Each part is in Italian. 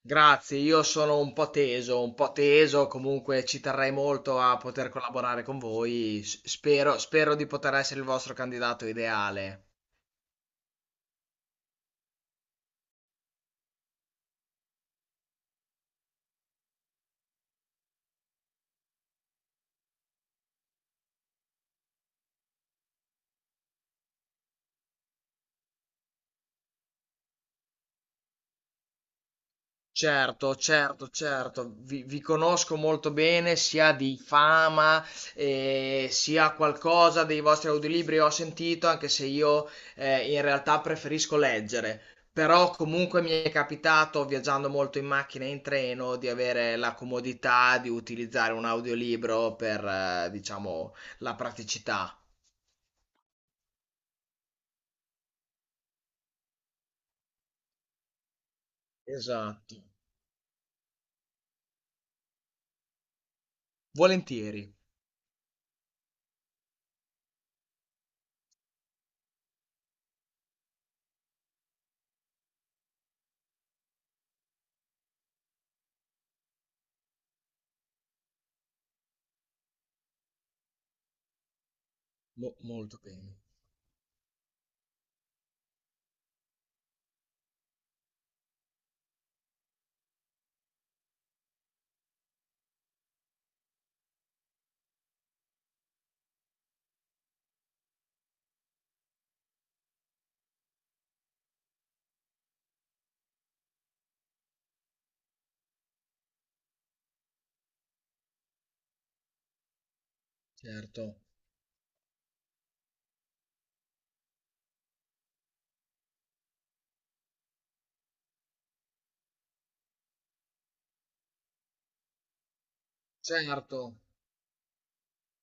Grazie, io sono un po' teso, comunque ci terrei molto a poter collaborare con voi. Spero, di poter essere il vostro candidato ideale. Certo, certo, certo, vi conosco molto bene, sia di fama, sia qualcosa dei vostri audiolibri ho sentito, anche se io in realtà preferisco leggere, però comunque mi è capitato, viaggiando molto in macchina e in treno, di avere la comodità di utilizzare un audiolibro per, diciamo, la praticità. Esatto, volentieri. Molto bene, certo, certo.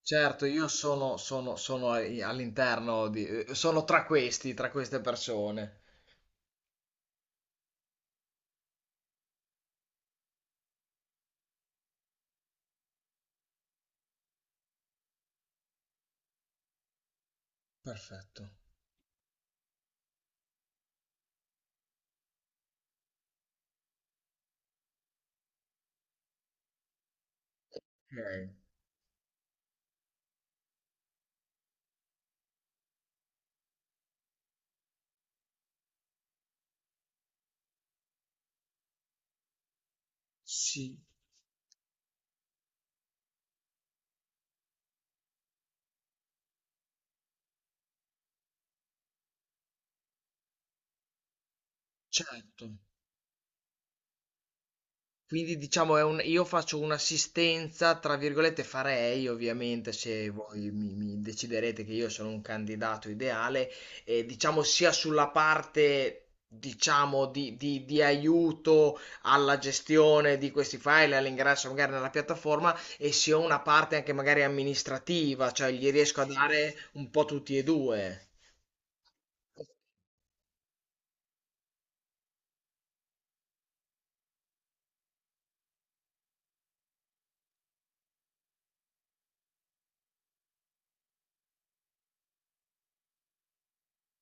Certo, io sono all'interno di... sono tra questi, tra queste persone. Perfetto. Ok. Sì, certo. Quindi diciamo è un io faccio un'assistenza, tra virgolette farei ovviamente se voi mi deciderete che io sono un candidato ideale, diciamo sia sulla parte diciamo di aiuto alla gestione di questi file, all'ingresso magari nella piattaforma e sia una parte anche magari amministrativa, cioè gli riesco a dare un po' tutti e due.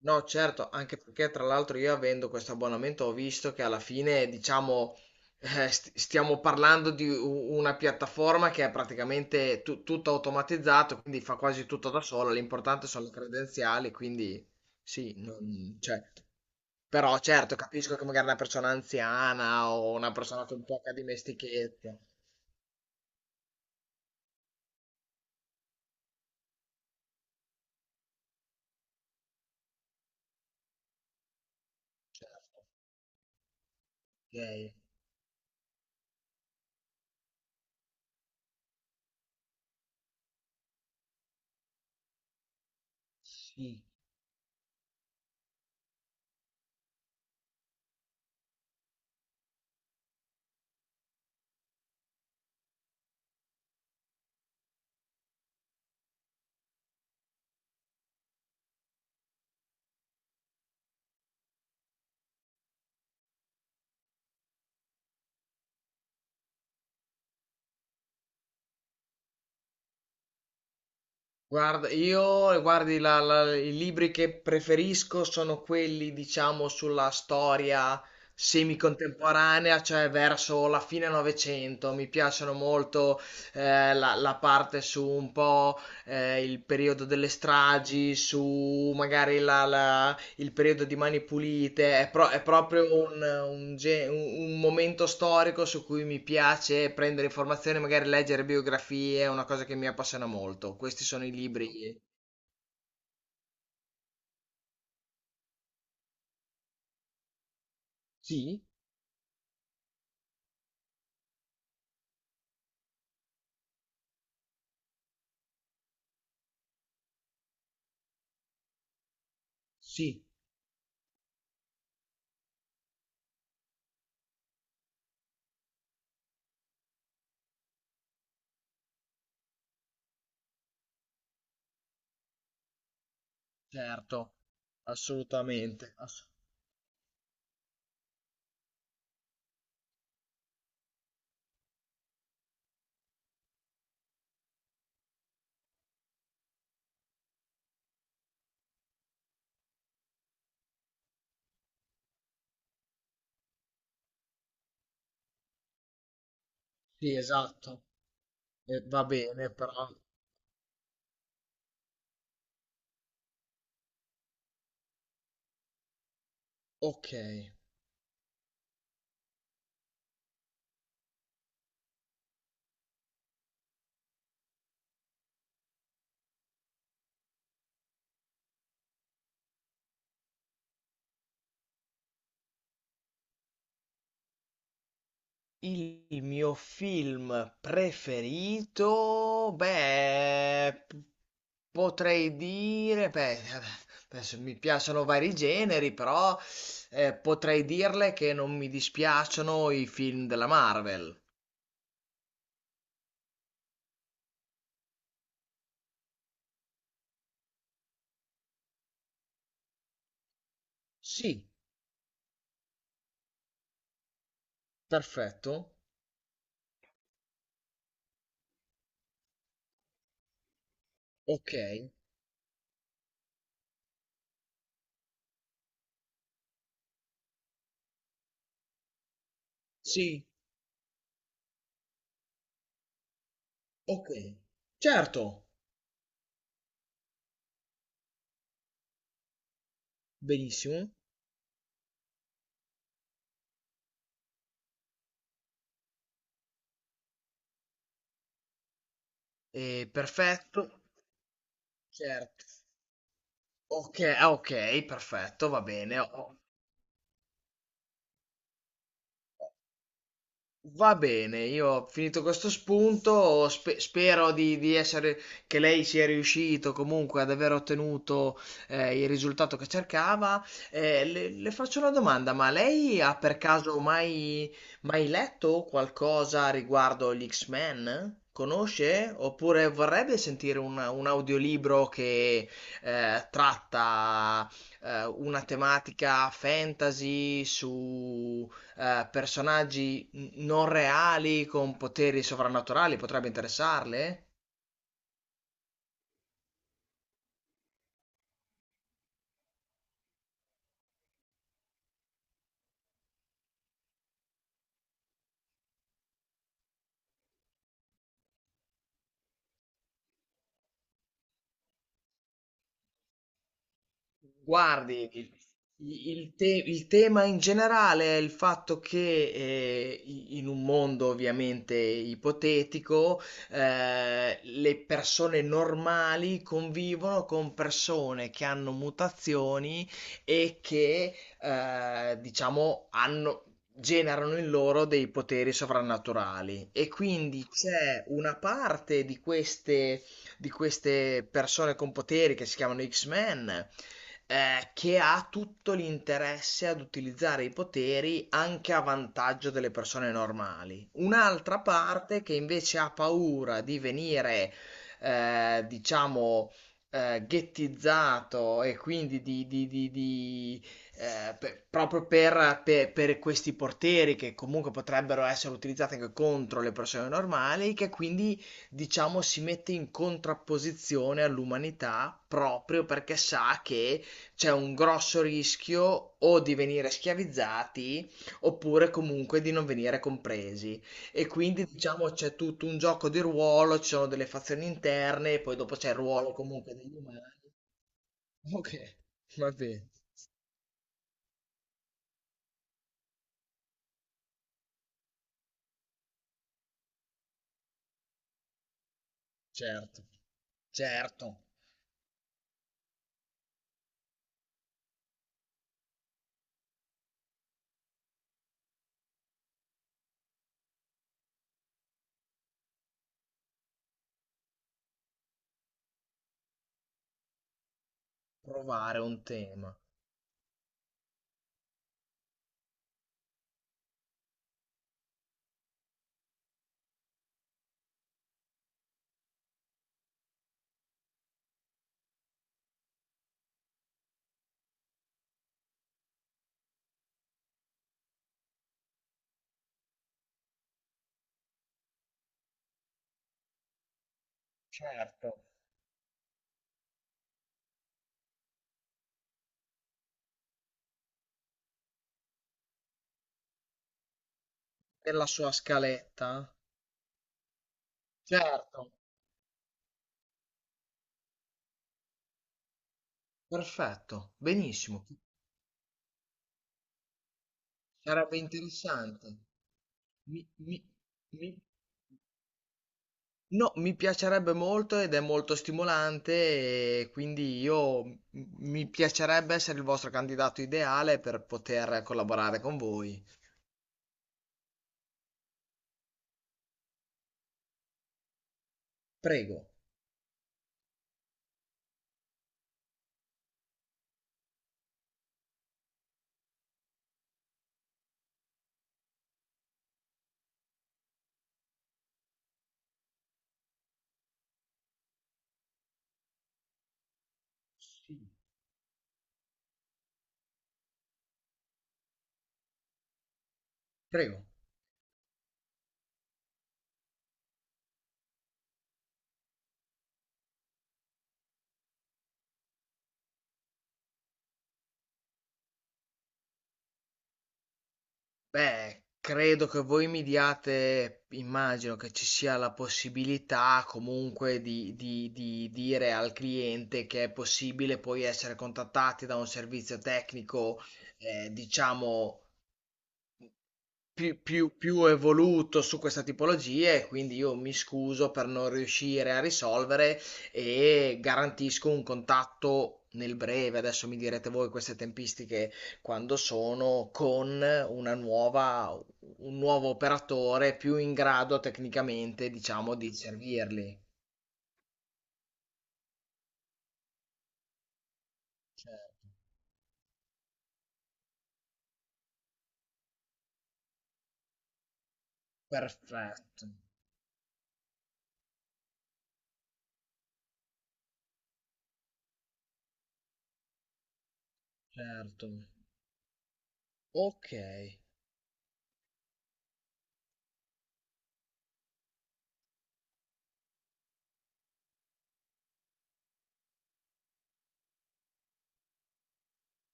No, certo, anche perché tra l'altro io avendo questo abbonamento ho visto che alla fine, diciamo, stiamo parlando di una piattaforma che è praticamente tutto automatizzato, quindi fa quasi tutto da sola, l'importante sono le credenziali, quindi sì, cioè, però certo, capisco che magari una persona anziana o una persona con poca dimestichezza, certo, ok, sì. Guarda, io guardi, i libri che preferisco sono quelli, diciamo, sulla storia semicontemporanea, cioè verso la fine Novecento. Mi piacciono molto la parte su un po' il periodo delle stragi, su magari il periodo di Mani Pulite, è proprio un momento storico su cui mi piace prendere informazioni, magari leggere biografie, è una cosa che mi appassiona molto. Questi sono i libri. Sì, sì, certo, assolutamente. Sì, esatto. Va bene, però. Ok. Il mio film preferito, potrei dire, beh, adesso mi piacciono vari generi, però potrei dirle che non mi dispiacciono i film della Marvel. Sì, perfetto. Ok. Sì, ok. Certo, benissimo. Perfetto, certo. Ok, ah, ok, perfetto, va bene. Va bene, io ho finito questo spunto, spero di essere, che lei sia riuscito comunque ad aver ottenuto il risultato che cercava. Le faccio una domanda, ma lei ha per caso mai letto qualcosa riguardo gli X-Men? Conosce? Oppure vorrebbe sentire un audiolibro che tratta una tematica fantasy su personaggi non reali con poteri sovrannaturali potrebbe interessarle? Guardi, il tema in generale è il fatto che in un mondo ovviamente ipotetico, le persone normali convivono con persone che hanno mutazioni e che diciamo hanno, generano in loro dei poteri sovrannaturali e quindi c'è una parte di queste persone con poteri che si chiamano X-Men, che ha tutto l'interesse ad utilizzare i poteri anche a vantaggio delle persone normali. Un'altra parte che invece ha paura di venire, diciamo, ghettizzato e quindi di, per- proprio per questi portieri che comunque potrebbero essere utilizzati anche contro le persone normali, che quindi diciamo si mette in contrapposizione all'umanità proprio perché sa che c'è un grosso rischio o di venire schiavizzati oppure comunque di non venire compresi. E quindi diciamo c'è tutto un gioco di ruolo, ci sono delle fazioni interne, e poi dopo c'è il ruolo comunque degli umani. Ok, va bene, certo, certo, provare un tema, certo, nella sua scaletta, certo, perfetto, benissimo, sarebbe interessante. Mi, mi, mi... No, mi piacerebbe molto ed è molto stimolante e quindi mi piacerebbe essere il vostro candidato ideale per poter collaborare con voi. Prego. Sì. Prego. Beh, credo che voi mi diate, immagino che ci sia la possibilità comunque di, di dire al cliente che è possibile poi essere contattati da un servizio tecnico, diciamo. Più evoluto su questa tipologia e quindi io mi scuso per non riuscire a risolvere e garantisco un contatto nel breve, adesso mi direte voi queste tempistiche quando sono, con una nuova, un nuovo operatore più in grado tecnicamente, diciamo, di servirli. Certo. Perfetto, certo. Ok,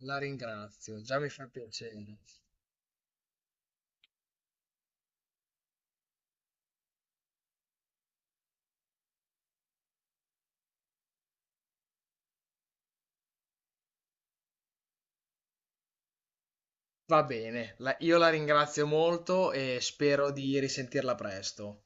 la ringrazio, già mi fa piacere. Va bene, io la ringrazio molto e spero di risentirla presto.